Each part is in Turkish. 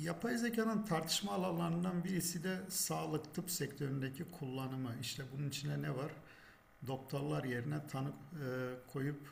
Yapay zekanın tartışma alanlarından birisi de sağlık tıp sektöründeki kullanımı. İşte bunun içine ne var? Doktorlar yerine tanı koyup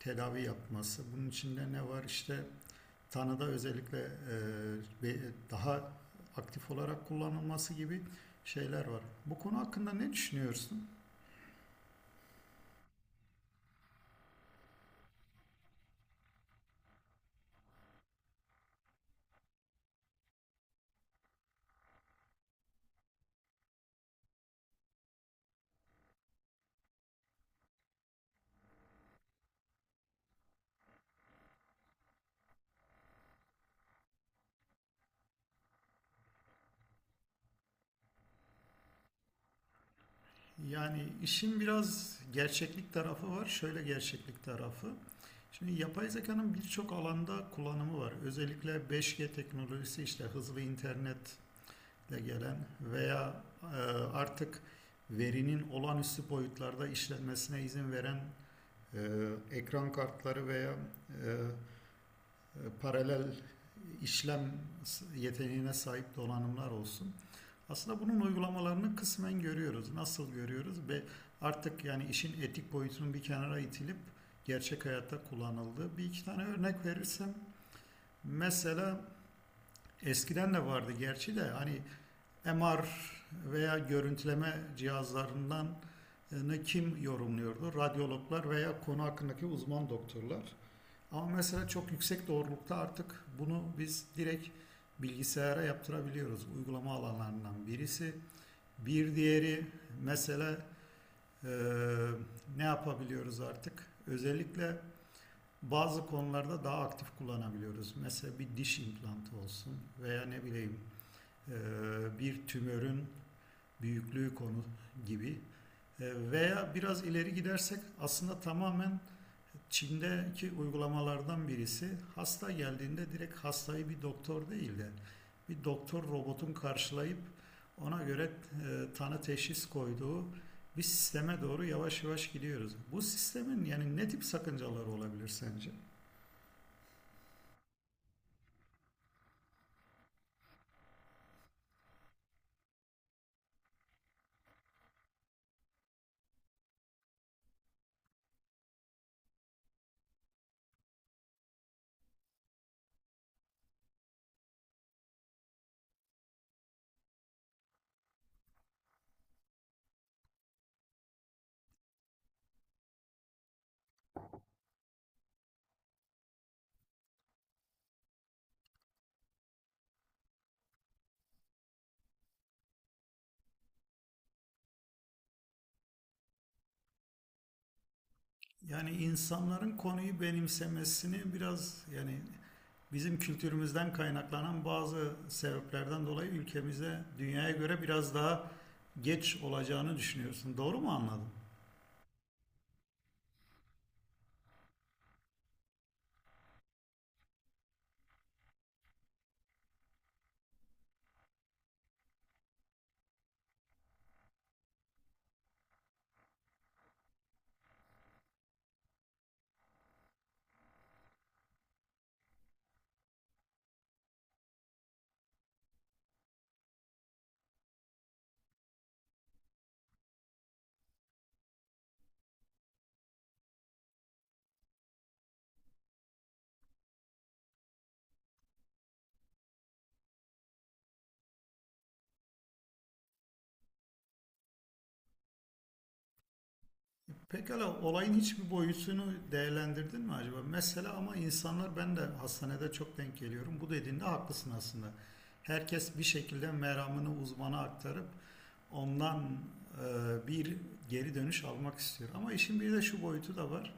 tedavi yapması. Bunun içinde ne var? İşte tanıda özellikle daha aktif olarak kullanılması gibi şeyler var. Bu konu hakkında ne düşünüyorsun? Yani işin biraz gerçeklik tarafı var. Şöyle gerçeklik tarafı. Şimdi yapay zekanın birçok alanda kullanımı var. Özellikle 5G teknolojisi işte hızlı internetle gelen veya artık verinin olağanüstü boyutlarda işlenmesine izin veren ekran kartları veya e, e, paralel işlem yeteneğine sahip donanımlar olsun. Aslında bunun uygulamalarını kısmen görüyoruz. Nasıl görüyoruz ve artık yani işin etik boyutunun bir kenara itilip gerçek hayatta kullanıldığı bir iki tane örnek verirsem mesela eskiden de vardı gerçi de hani MR veya görüntüleme cihazlarından ne kim yorumluyordu? Radyologlar veya konu hakkındaki uzman doktorlar. Ama mesela çok yüksek doğrulukta artık bunu biz direkt bilgisayara yaptırabiliyoruz. Uygulama alanlarından birisi. Bir diğeri mesele e, ne yapabiliyoruz artık? Özellikle bazı konularda daha aktif kullanabiliyoruz. Mesela bir diş implantı olsun veya ne bileyim e, bir tümörün büyüklüğü konu gibi. Veya biraz ileri gidersek aslında tamamen Çin'deki uygulamalardan birisi hasta geldiğinde direkt hastayı bir doktor değil de bir doktor robotun karşılayıp ona göre tanı teşhis koyduğu bir sisteme doğru yavaş yavaş gidiyoruz. Bu sistemin yani ne tip sakıncaları olabilir sence? Yani insanların konuyu benimsemesini biraz yani bizim kültürümüzden kaynaklanan bazı sebeplerden dolayı ülkemize dünyaya göre biraz daha geç olacağını düşünüyorsun. Doğru mu anladım? Pekala olayın hiçbir boyutunu değerlendirdin mi acaba? Mesela ama insanlar ben de hastanede çok denk geliyorum. Bu dediğinde haklısın aslında. Herkes bir şekilde meramını uzmana aktarıp ondan e, bir geri dönüş almak istiyor. Ama işin bir de şu boyutu da var.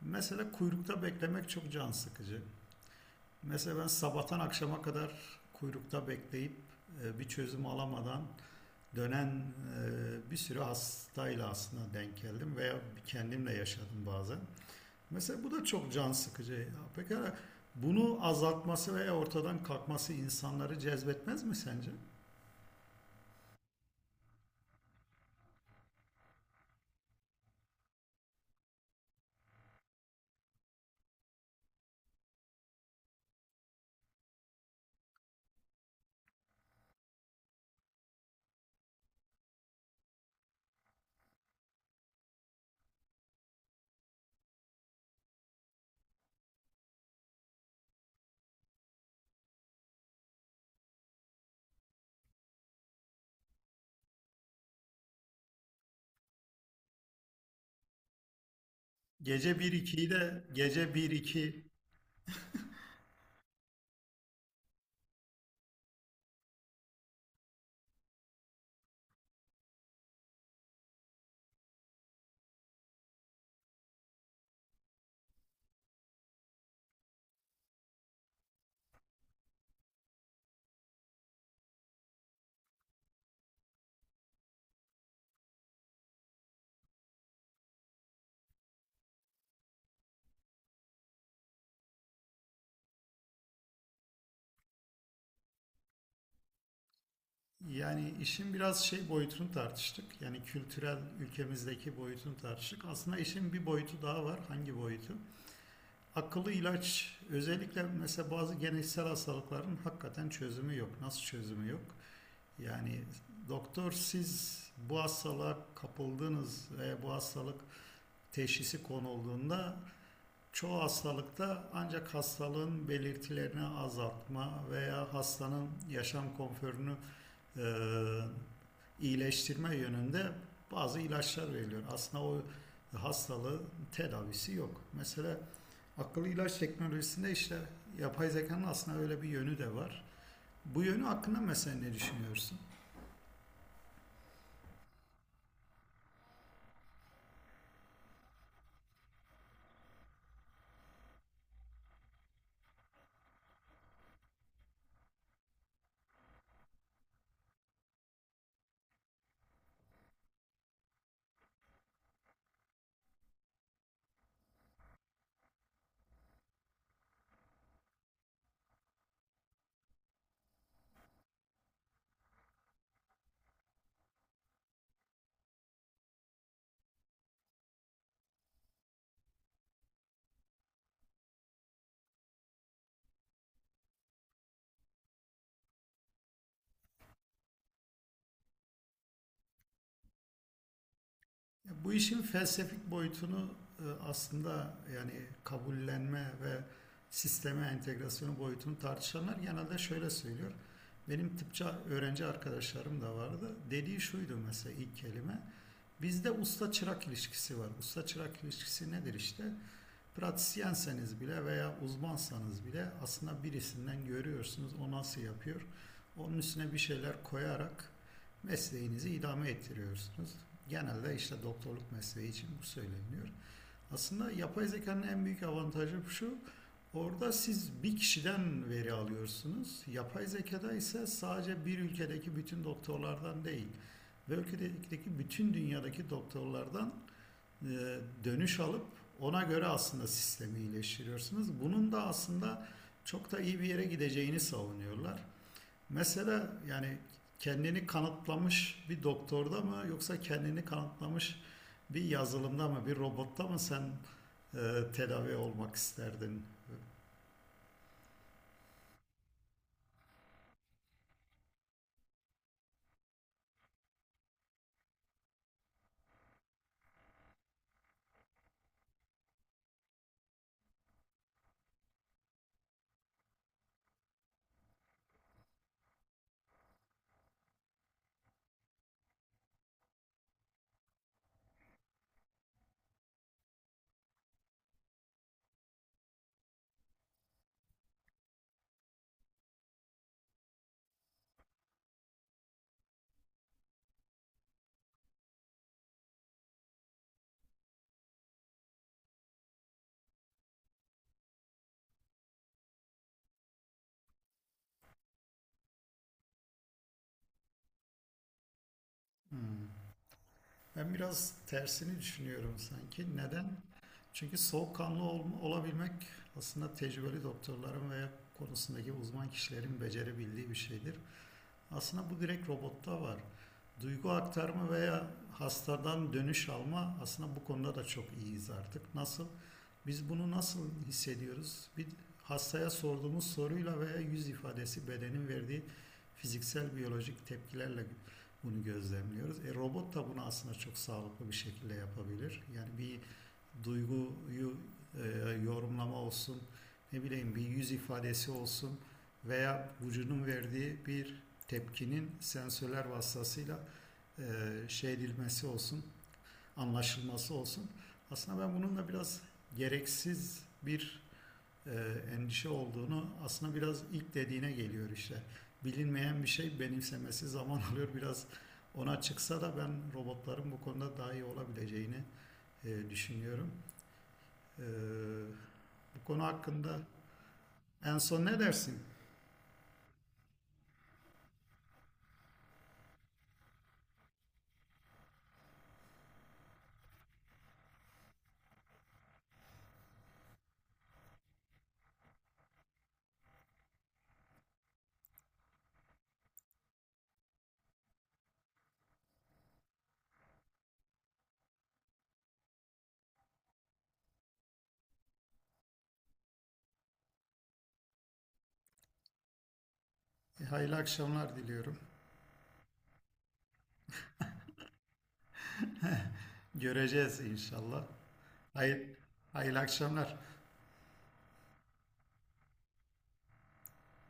Mesela kuyrukta beklemek çok can sıkıcı. Mesela ben sabahtan akşama kadar kuyrukta bekleyip bir çözüm alamadan dönen bir sürü hastayla aslında denk geldim veya kendimle yaşadım bazen. Mesela bu da çok can sıkıcı. Pekala bunu azaltması veya ortadan kalkması insanları cezbetmez mi sence? Gece bir 2'yi de gece bir iki yani işin biraz şey boyutunu tartıştık. Yani kültürel ülkemizdeki boyutunu tartıştık. Aslında işin bir boyutu daha var. Hangi boyutu? Akıllı ilaç özellikle mesela bazı genetiksel hastalıkların hakikaten çözümü yok. Nasıl çözümü yok? Yani doktor siz bu hastalığa kapıldınız ve bu hastalık teşhisi konulduğunda çoğu hastalıkta ancak hastalığın belirtilerini azaltma veya hastanın yaşam konforunu e, iyileştirme yönünde bazı ilaçlar veriliyor. Aslında o hastalığın tedavisi yok. Mesela akıllı ilaç teknolojisinde işte yapay zekanın aslında öyle bir yönü de var. Bu yönü hakkında mesela ne düşünüyorsun? Bu işin felsefik boyutunu aslında yani kabullenme ve sisteme entegrasyonu boyutunu tartışanlar genelde şöyle söylüyor. Benim tıpçı öğrenci arkadaşlarım da vardı. Dediği şuydu mesela ilk kelime. Bizde usta çırak ilişkisi var. Usta çırak ilişkisi nedir işte? Pratisyenseniz bile veya uzmansanız bile aslında birisinden görüyorsunuz o nasıl yapıyor. Onun üstüne bir şeyler koyarak mesleğinizi idame ettiriyorsunuz. Genelde işte doktorluk mesleği için bu söyleniyor. Aslında yapay zekanın en büyük avantajı şu. Orada siz bir kişiden veri alıyorsunuz. Yapay zekada ise sadece bir ülkedeki bütün doktorlardan değil, ve ülkedeki bütün dünyadaki doktorlardan e, dönüş alıp ona göre aslında sistemi iyileştiriyorsunuz. Bunun da aslında çok da iyi bir yere gideceğini savunuyorlar. Mesela yani kendini kanıtlamış bir doktorda mı yoksa kendini kanıtlamış bir yazılımda mı bir robotta mı sen tedavi olmak isterdin? Hmm. Ben biraz tersini düşünüyorum sanki. Neden? Çünkü olabilmek aslında tecrübeli doktorların veya konusundaki uzman kişilerin becerebildiği bir şeydir. Aslında bu direkt robotta var. Duygu aktarma veya hastadan dönüş alma aslında bu konuda da çok iyiyiz artık. Nasıl? Biz bunu nasıl hissediyoruz? Bir hastaya sorduğumuz soruyla veya yüz ifadesi bedenin verdiği fiziksel biyolojik tepkilerle bunu gözlemliyoruz. E robot da bunu aslında çok sağlıklı bir şekilde yapabilir. Yani bir duyguyu e, yorumlama olsun, ne bileyim bir yüz ifadesi olsun veya vücudun verdiği bir tepkinin sensörler vasıtasıyla e, şey edilmesi olsun, anlaşılması olsun. Aslında ben bunun da biraz gereksiz bir e, endişe olduğunu aslında biraz ilk dediğine geliyor işte. Bilinmeyen bir şey benimsemesi zaman alıyor biraz ona çıksa da ben robotların bu konuda daha iyi olabileceğini düşünüyorum. Ee, Bu konu hakkında en son ne dersin? Hayırlı akşamlar diliyorum. Göreceğiz inşallah. Hayır, hayırlı akşamlar.